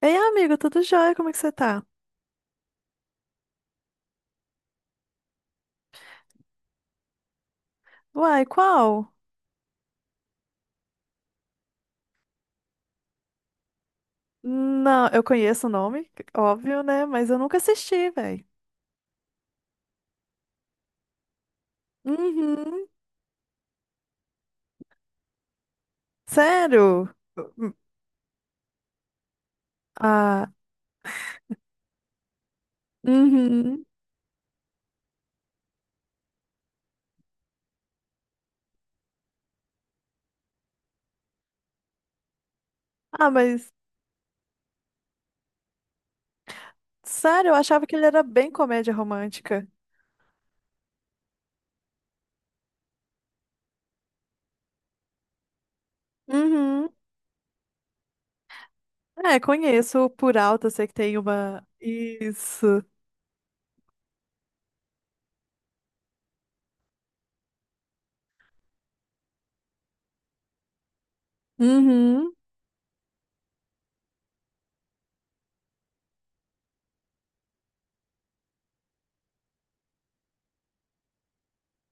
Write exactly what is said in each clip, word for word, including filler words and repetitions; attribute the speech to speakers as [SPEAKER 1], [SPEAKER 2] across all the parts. [SPEAKER 1] Ei, amigo, tudo jóia? Como é que você tá? Uai, qual? Não, eu conheço o nome, óbvio, né? Mas eu nunca assisti, velho. Uhum. Sério? Hum. Ah. Uhum. Ah, mas sério, eu achava que ele era bem comédia romântica. Uhum. É, conheço por alto, eu sei que tem uma. Isso. Uhum.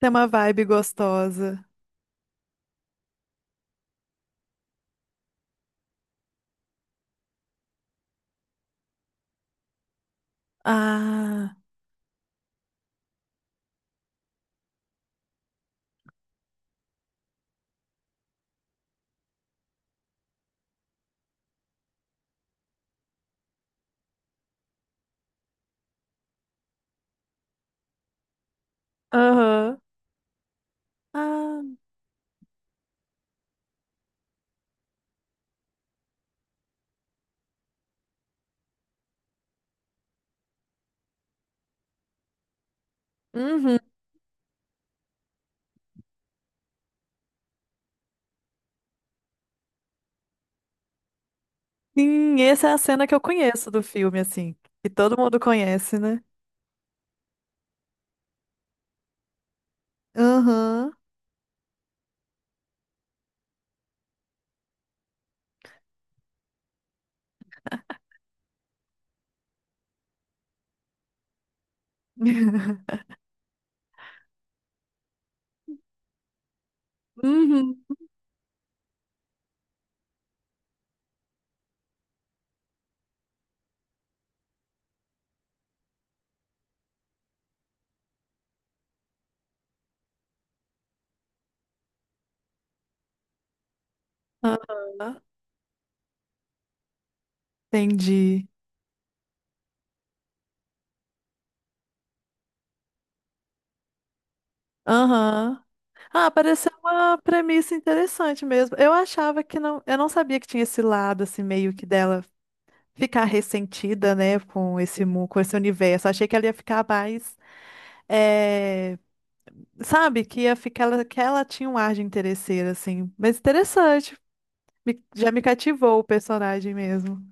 [SPEAKER 1] Tem uma vibe gostosa. Ah. Aham. Ah. Uhum. Sim, essa é a cena que eu conheço do filme, assim, que todo mundo conhece, né? Aham. Uhum. Aham. Entendi. Aham. Ah, pareceu uma premissa interessante mesmo. Eu achava que não, eu não sabia que tinha esse lado assim meio que dela ficar ressentida, né, com esse mu- com esse universo. Achei que ela ia ficar mais, eh, sabe, que ia ficar ela- que ela tinha um ar de interesseira assim. Mas interessante. Me- já me cativou o personagem mesmo.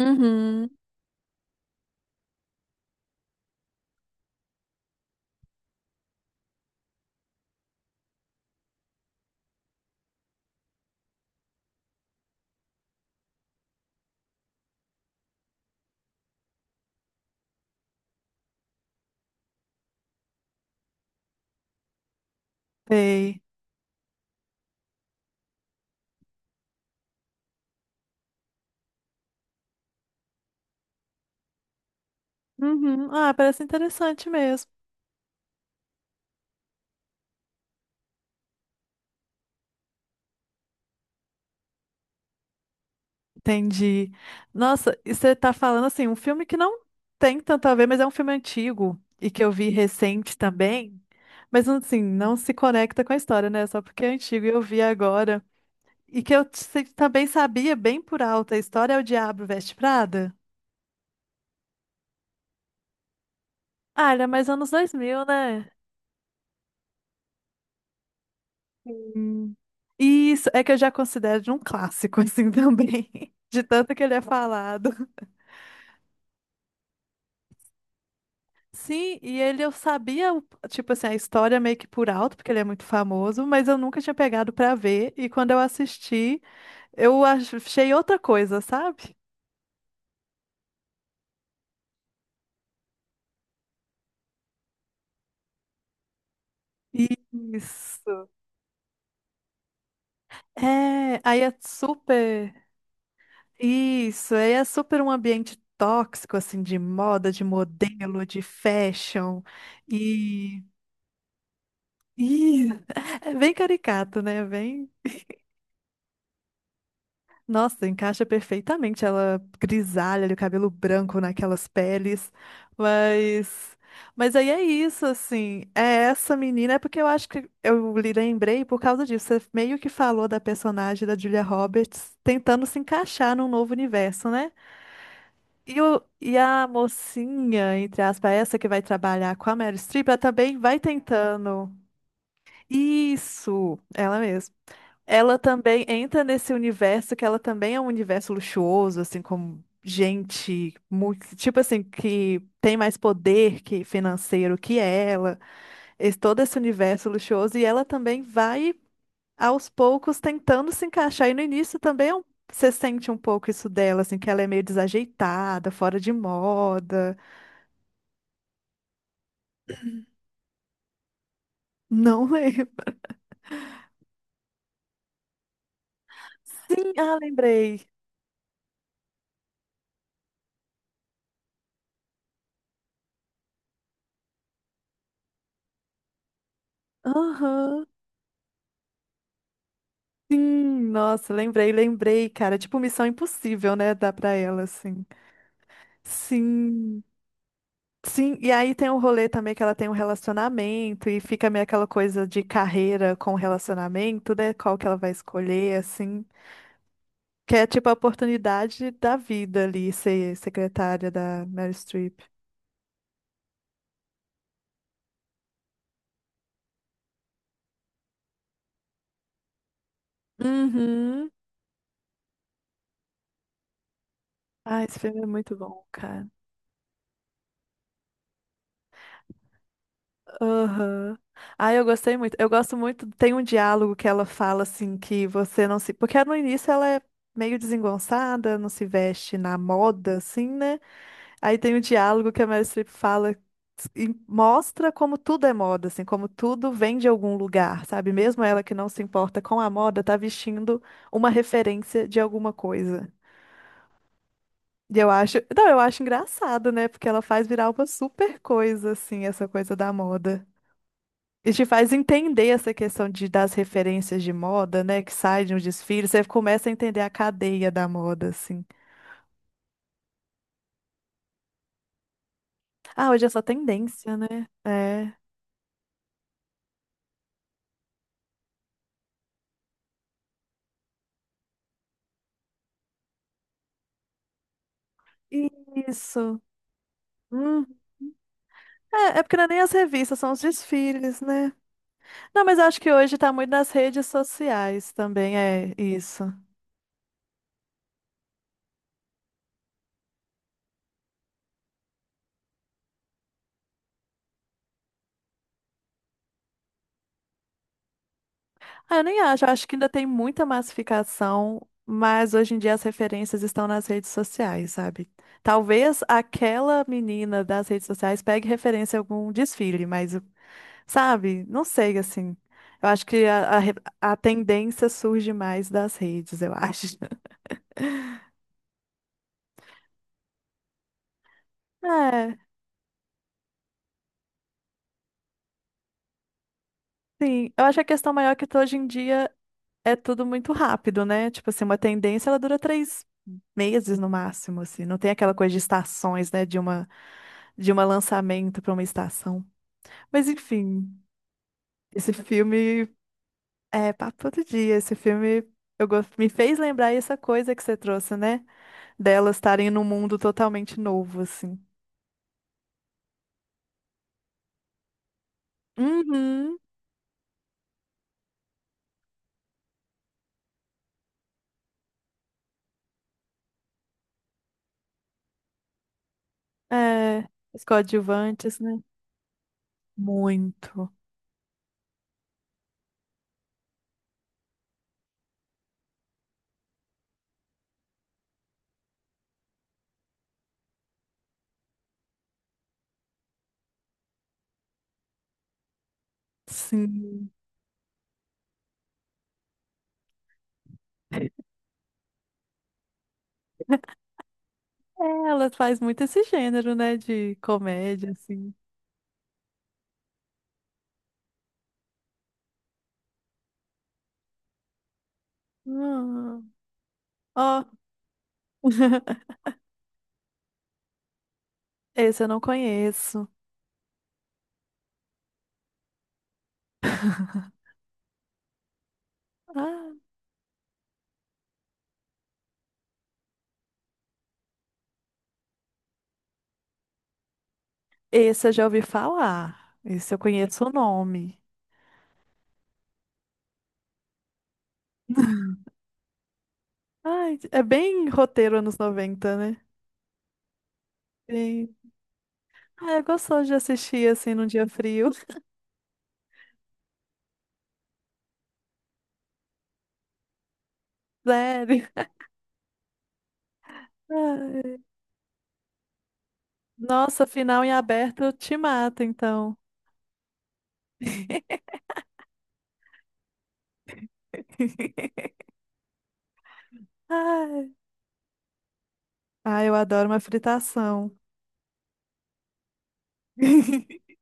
[SPEAKER 1] Uhum. Sei. Uhum. Ah, parece interessante mesmo. Entendi. Nossa, e você tá falando assim, um filme que não tem tanto a ver, mas é um filme antigo e que eu vi recente também. Mas assim, não se conecta com a história, né? Só porque é antigo e eu vi agora. E que eu se- também sabia bem por alto, a história é o Diabo Veste Prada. Ah, ele é mais anos dois mil, né? Sim. Isso, é que eu já considero de um clássico, assim, também. De tanto que ele é falado. Sim, e ele eu sabia, o- tipo assim, a história meio que por alto, porque ele é muito famoso, mas eu nunca tinha pegado pra ver, e quando eu assisti, eu ach- achei outra coisa, sabe? Isso. É, aí é super. Isso, aí é super um ambiente tóxico, assim, de moda, de modelo, de fashion, e. e- É bem caricato, né? Bem. Nossa, encaixa perfeitamente ela grisalha, o cabelo branco naquelas peles. Mas mas aí é isso, assim. É essa menina, é porque eu acho que eu lhe lembrei por causa disso. Você meio que falou da personagem da Julia Roberts tentando se encaixar num novo universo, né? E, o, e a mocinha, entre aspas, essa que vai trabalhar com a Meryl Streep, ela também vai tentando. Isso, ela mesma. Ela também entra nesse universo que ela também é um universo luxuoso, assim, como gente, mu- tipo assim, que tem mais poder que financeiro que ela, esse, todo esse universo luxuoso, e ela também vai aos poucos tentando se encaixar. E no início também é um- você sente um pouco isso dela, assim, que ela é meio desajeitada, fora de moda. Não lembro. Sim, ah, lembrei. Aham. Sim, nossa, lembrei, lembrei, cara. É tipo Missão Impossível, né? Dá pra ela, assim. Sim. Sim, e aí tem o rolê também que ela tem um relacionamento e fica meio aquela coisa de carreira com relacionamento, né? Qual que ela vai escolher, assim. Que é tipo a oportunidade da vida ali, ser secretária da Meryl Streep. Uhum. Ah, esse filme é muito bom, cara. Aham. Ah, eu gostei muito. Eu gosto muito. Tem um diálogo que ela fala assim que você não se. Porque no início ela é meio desengonçada, não se veste na moda, assim, né? Aí tem um diálogo que a Meryl Streep fala e mostra como tudo é moda, assim, como tudo vem de algum lugar, sabe? Mesmo ela que não se importa com a moda, tá vestindo uma referência de alguma coisa. E eu acho. Não, eu acho engraçado, né? Porque ela faz virar uma super coisa, assim, essa coisa da moda. E te faz entender essa questão de, das referências de moda, né? Que sai de um desfile, você começa a entender a cadeia da moda, assim. Ah, hoje é só tendência, né? É. Isso. Hum. É, é porque não é nem as revistas, são os desfiles, né? Não, mas eu acho que hoje tá muito nas redes sociais também, é isso. Ah, Eu nem acho, eu acho que ainda tem muita massificação, mas hoje em dia as referências estão nas redes sociais, sabe? Talvez aquela menina das redes sociais pegue referência em algum desfile, mas, sabe? Não sei, assim. Eu acho que a, a, re- a tendência surge mais das redes, eu acho. É, sim. Eu acho que a questão maior é que hoje em dia é tudo muito rápido, né? Tipo assim, uma tendência ela dura três meses no máximo, assim. Não tem aquela coisa de estações, né? De uma de um lançamento para uma estação. Mas enfim, esse filme é papo todo dia. Esse filme eu gos- me fez lembrar essa coisa que você trouxe, né? Delas estarem num mundo totalmente novo, assim. Uhum. É, os coadjuvantes, né? Muito. Sim. É, ela faz muito esse gênero, né? De comédia, assim. Ah, Ó, esse eu não conheço. Ah. Esse eu já ouvi falar. Esse eu conheço o nome. Ai, é bem roteiro anos noventa, né? Sim. Ah, eu gostoso de assistir assim num dia frio. Sério. Ai. Nossa, final em aberto te mata, então. Ai. Ah, eu adoro uma fritação.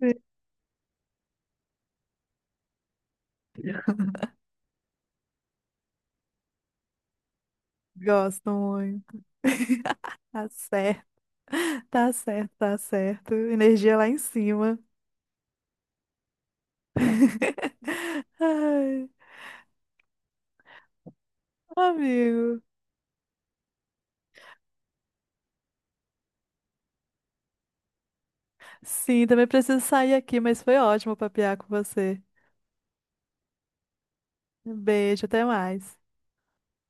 [SPEAKER 1] Sim. Gosto muito. Tá certo, tá certo, tá certo. Energia lá em cima. Ai, amigo. Sim, também preciso sair aqui, mas foi ótimo papear com você. Um beijo, até mais.